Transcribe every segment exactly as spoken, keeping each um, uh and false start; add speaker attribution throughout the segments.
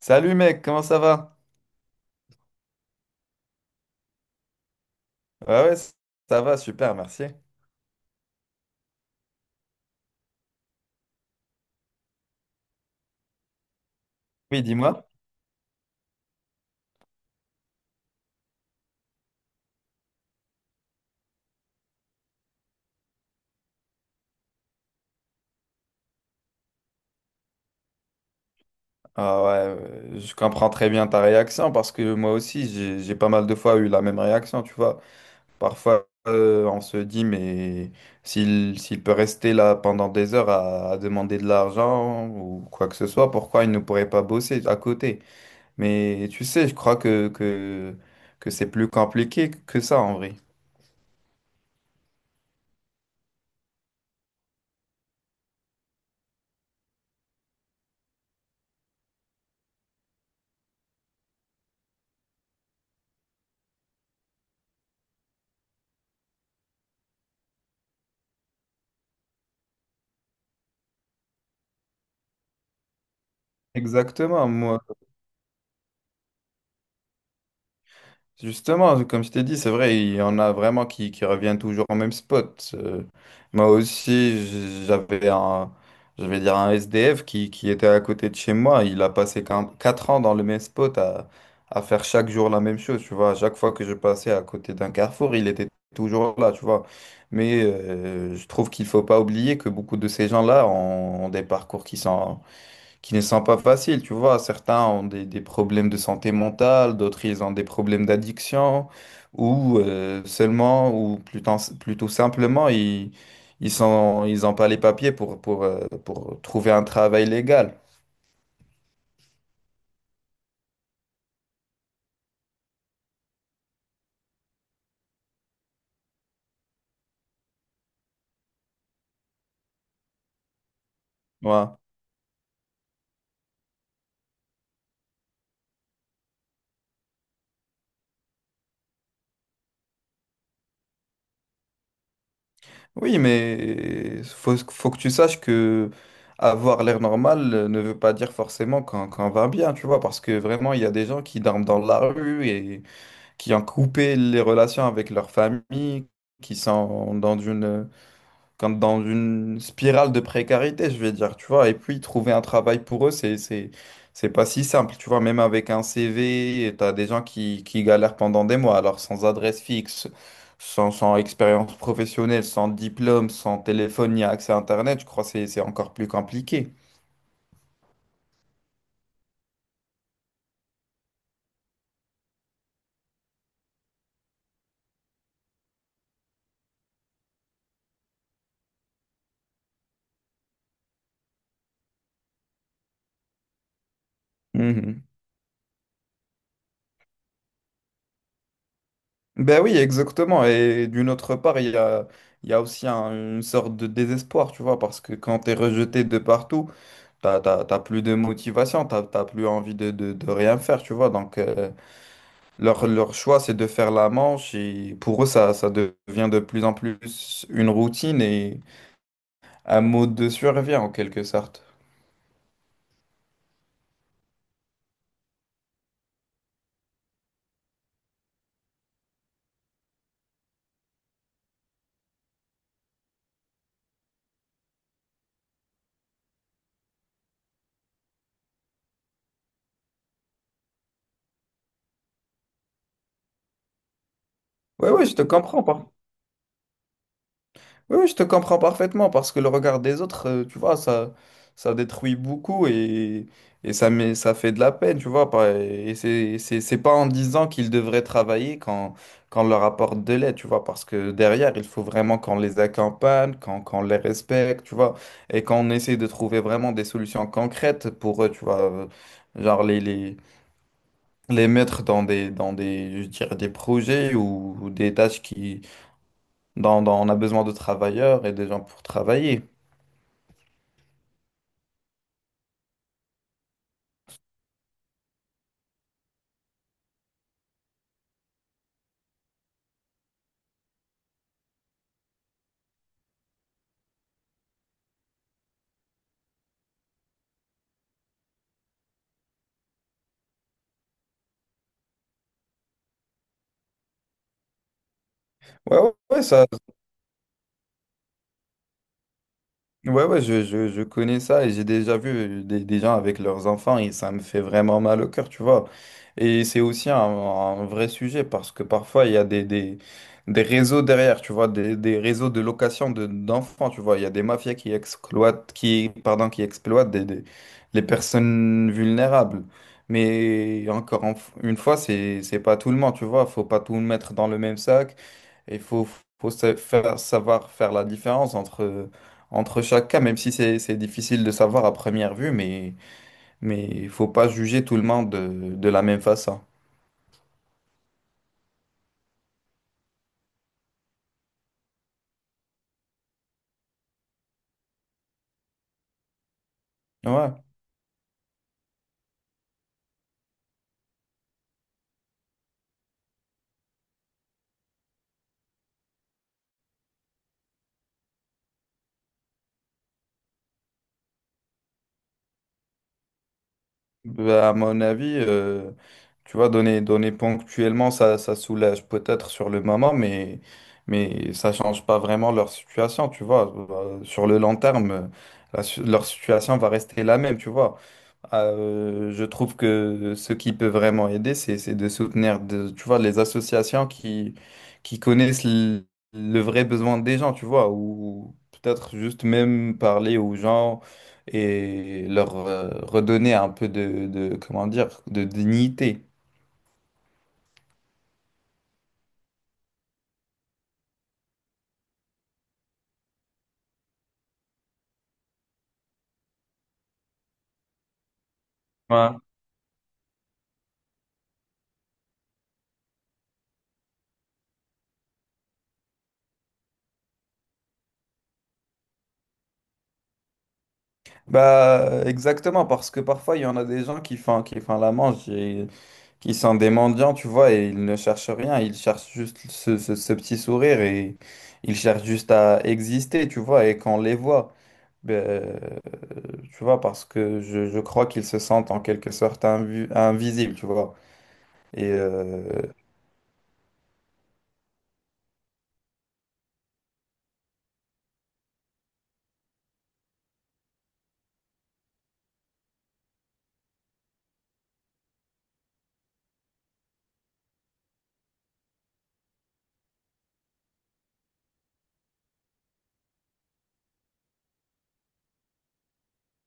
Speaker 1: Salut mec, comment ça va? Ouais, ouais, ça va, super, merci. Oui, dis-moi. Ah ouais, euh, je comprends très bien ta réaction parce que moi aussi, j'ai, j'ai pas mal de fois eu la même réaction, tu vois. Parfois, euh, on se dit, mais s'il, s'il peut rester là pendant des heures à, à demander de l'argent ou quoi que ce soit, pourquoi il ne pourrait pas bosser à côté? Mais tu sais, je crois que, que, que c'est plus compliqué que ça en vrai. Exactement, moi. Justement, comme je t'ai dit, c'est vrai, il y en a vraiment qui, qui reviennent toujours au même spot. Euh, moi aussi, j- j'avais un, je vais dire un S D F qui, qui était à côté de chez moi. Il a passé quatre ans dans le même spot à, à faire chaque jour la même chose, tu vois. À chaque fois que je passais à côté d'un carrefour, il était toujours là, tu vois. Mais euh, je trouve qu'il faut pas oublier que beaucoup de ces gens-là ont, ont des parcours qui sont qui ne sont pas faciles, tu vois. Certains ont des, des problèmes de santé mentale, d'autres ils ont des problèmes d'addiction, ou euh, seulement, ou plutôt, plutôt simplement, ils, ils sont, ils n'ont pas les papiers pour, pour, euh, pour trouver un travail légal. Ouais. Oui, mais euh, faut, faut que tu saches que avoir l'air normal euh, ne veut pas dire forcément qu'on qu'on va bien, tu vois, parce que vraiment, il y a des gens qui dorment dans la rue et qui ont coupé les relations avec leur famille, qui sont dans une, quand- dans une spirale de précarité, je vais dire, tu vois. Et puis, trouver un travail pour eux, c'est, c'est, c'est pas si simple, tu vois. Même avec un C V, tu as des gens qui, qui galèrent pendant des mois, alors sans adresse fixe, sans, sans expérience professionnelle, sans diplôme, sans téléphone ni accès à Internet, je crois que c'est c'est encore plus compliqué. Ben oui, exactement. Et d'une autre part, il y a, il y a aussi un- une sorte de désespoir, tu vois, parce que quand tu es rejeté de partout, t'as, t'as, t'as plus de motivation, t'as, t'as plus envie de, de, de rien faire, tu vois. Donc, euh, leur, leur choix, c'est de faire la manche. Et pour eux, ça, ça devient de plus en plus une routine et un mode de survie, en quelque sorte. Oui, oui, je te comprends. Oui, oui, je te comprends parfaitement parce que le regard des autres, euh, tu vois, ça, ça détruit beaucoup et, et ça met, ça fait de la peine, tu vois. pas- Et c'est, c'est, c'est pas en disant qu'ils devraient travailler quand, quand on leur apporte de l'aide, tu vois, parce que derrière, il faut vraiment qu'on les accompagne, qu'on, qu'on les respecte, tu vois, et qu'on essaie de trouver vraiment des solutions concrètes pour eux, tu vois, euh, genre les, les, les mettre dans des, dans des, je dirais, des projets ou, ou des tâches qui dans- dans- on a besoin de travailleurs et des gens pour travailler. Ouais, ouais, ouais, ça, Ouais, ouais, je, je, je connais ça et j'ai déjà vu des, des gens avec leurs enfants et ça me fait vraiment mal au cœur, tu vois. Et c'est aussi un, un vrai sujet parce que parfois il y a des, des, des réseaux derrière, tu vois, des, des réseaux de location de, d'enfants, tu vois. Il y a des mafias qui exploitent, qui, pardon, qui exploitent des, des- les personnes vulnérables. Mais encore en- une fois, c'est, c'est pas tout le monde, tu vois. Faut pas tout mettre dans le même sac. Il faut, faut sa- faire, savoir faire la différence entre entre chaque cas, même si c'est c'est difficile de savoir à première vue, mais mais il faut pas juger tout le monde de, de la même façon. Ouais. Bah, à mon avis, euh, tu vois, donner donner ponctuellement, ça ça soulage peut-être sur le moment, mais mais ça change pas vraiment leur situation, tu vois. Bah, sur le long terme, euh, la su- leur situation va rester la même, tu vois. Euh, je trouve que ce qui peut vraiment aider, c'est, c'est de soutenir, de, tu vois, les associations qui, qui connaissent le, le vrai besoin des gens, tu vois, ou peut-être juste même parler aux gens et leur euh, redonner un peu de, de, comment dire, de dignité. Ouais. Bah, exactement, parce que parfois, il y en a des gens qui font, qui font la manche, qui sont des mendiants, tu vois, et ils ne cherchent rien, ils cherchent juste ce, ce- ce petit sourire et ils cherchent juste à exister, tu vois, et quand on les voit, ben, euh, tu vois, parce que je, je crois qu'ils se sentent en quelque sorte invu- invisibles, tu vois. Et euh,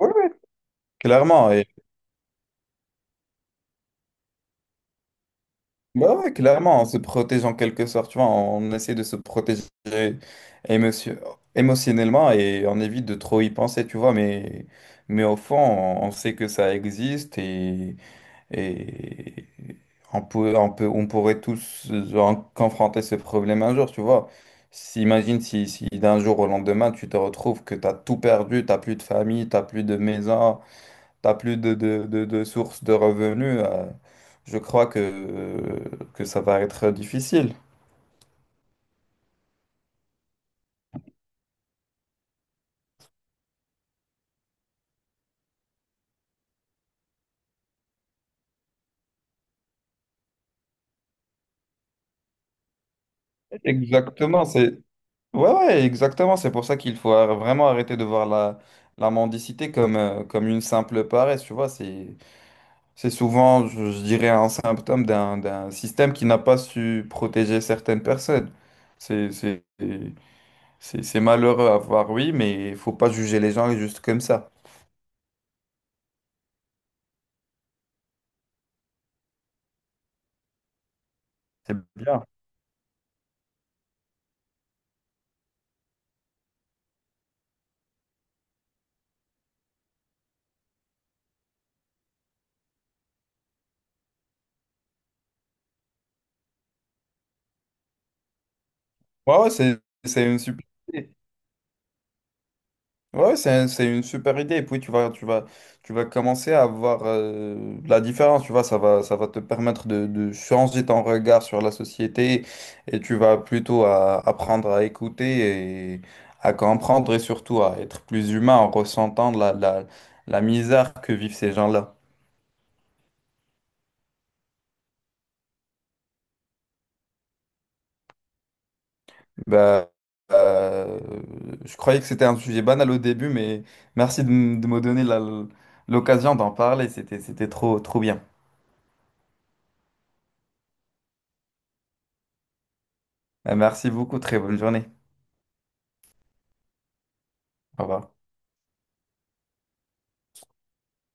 Speaker 1: ouais, ouais, clairement, et bah ouais, clairement, on se protège en quelque sorte, tu vois, on essaie de se protéger émotion- émotionnellement et on évite de trop y penser, tu vois, mais, mais au fond, on on sait que ça existe. et. Et on peut, on peut, on pourrait tous euh, confronter ce problème un jour, tu vois. Si- Imagine si, si d'un jour au lendemain, tu te retrouves que tu as tout perdu, tu n'as plus de famille, tu n'as plus de maison, tu n'as plus de, de, de, de source de revenus, euh, je crois que, que ça va être difficile. Exactement, c'est... Ouais, ouais, exactement. C'est pour ça qu'il faut ar- vraiment arrêter de voir la, la mendicité comme, euh, comme une simple paresse, tu vois. C'est... C'est souvent, je je dirais, un symptôme d'un d'un système qui n'a pas su protéger certaines personnes. C'est c'est- c'est- c'est malheureux à voir, oui, mais il faut pas juger les gens juste comme ça. C'est bien. Ouais, ouais, c'est c'est une super idée. Ouais, c'est, c'est une super idée. Et puis tu vas, tu vas, tu vas commencer à voir euh, la différence. Tu vois, ça va, ça va te permettre de, de changer ton regard sur la société et tu vas plutôt à- apprendre à écouter et à comprendre et surtout à être plus humain en ressentant la, la, la misère que vivent ces gens-là. Bah, euh, je croyais que c'était un sujet banal au début, mais merci de, m- de me donner la- l'occasion d'en parler. C'était, c'était trop, trop bien. Euh, Merci beaucoup. Très bonne journée. Au revoir.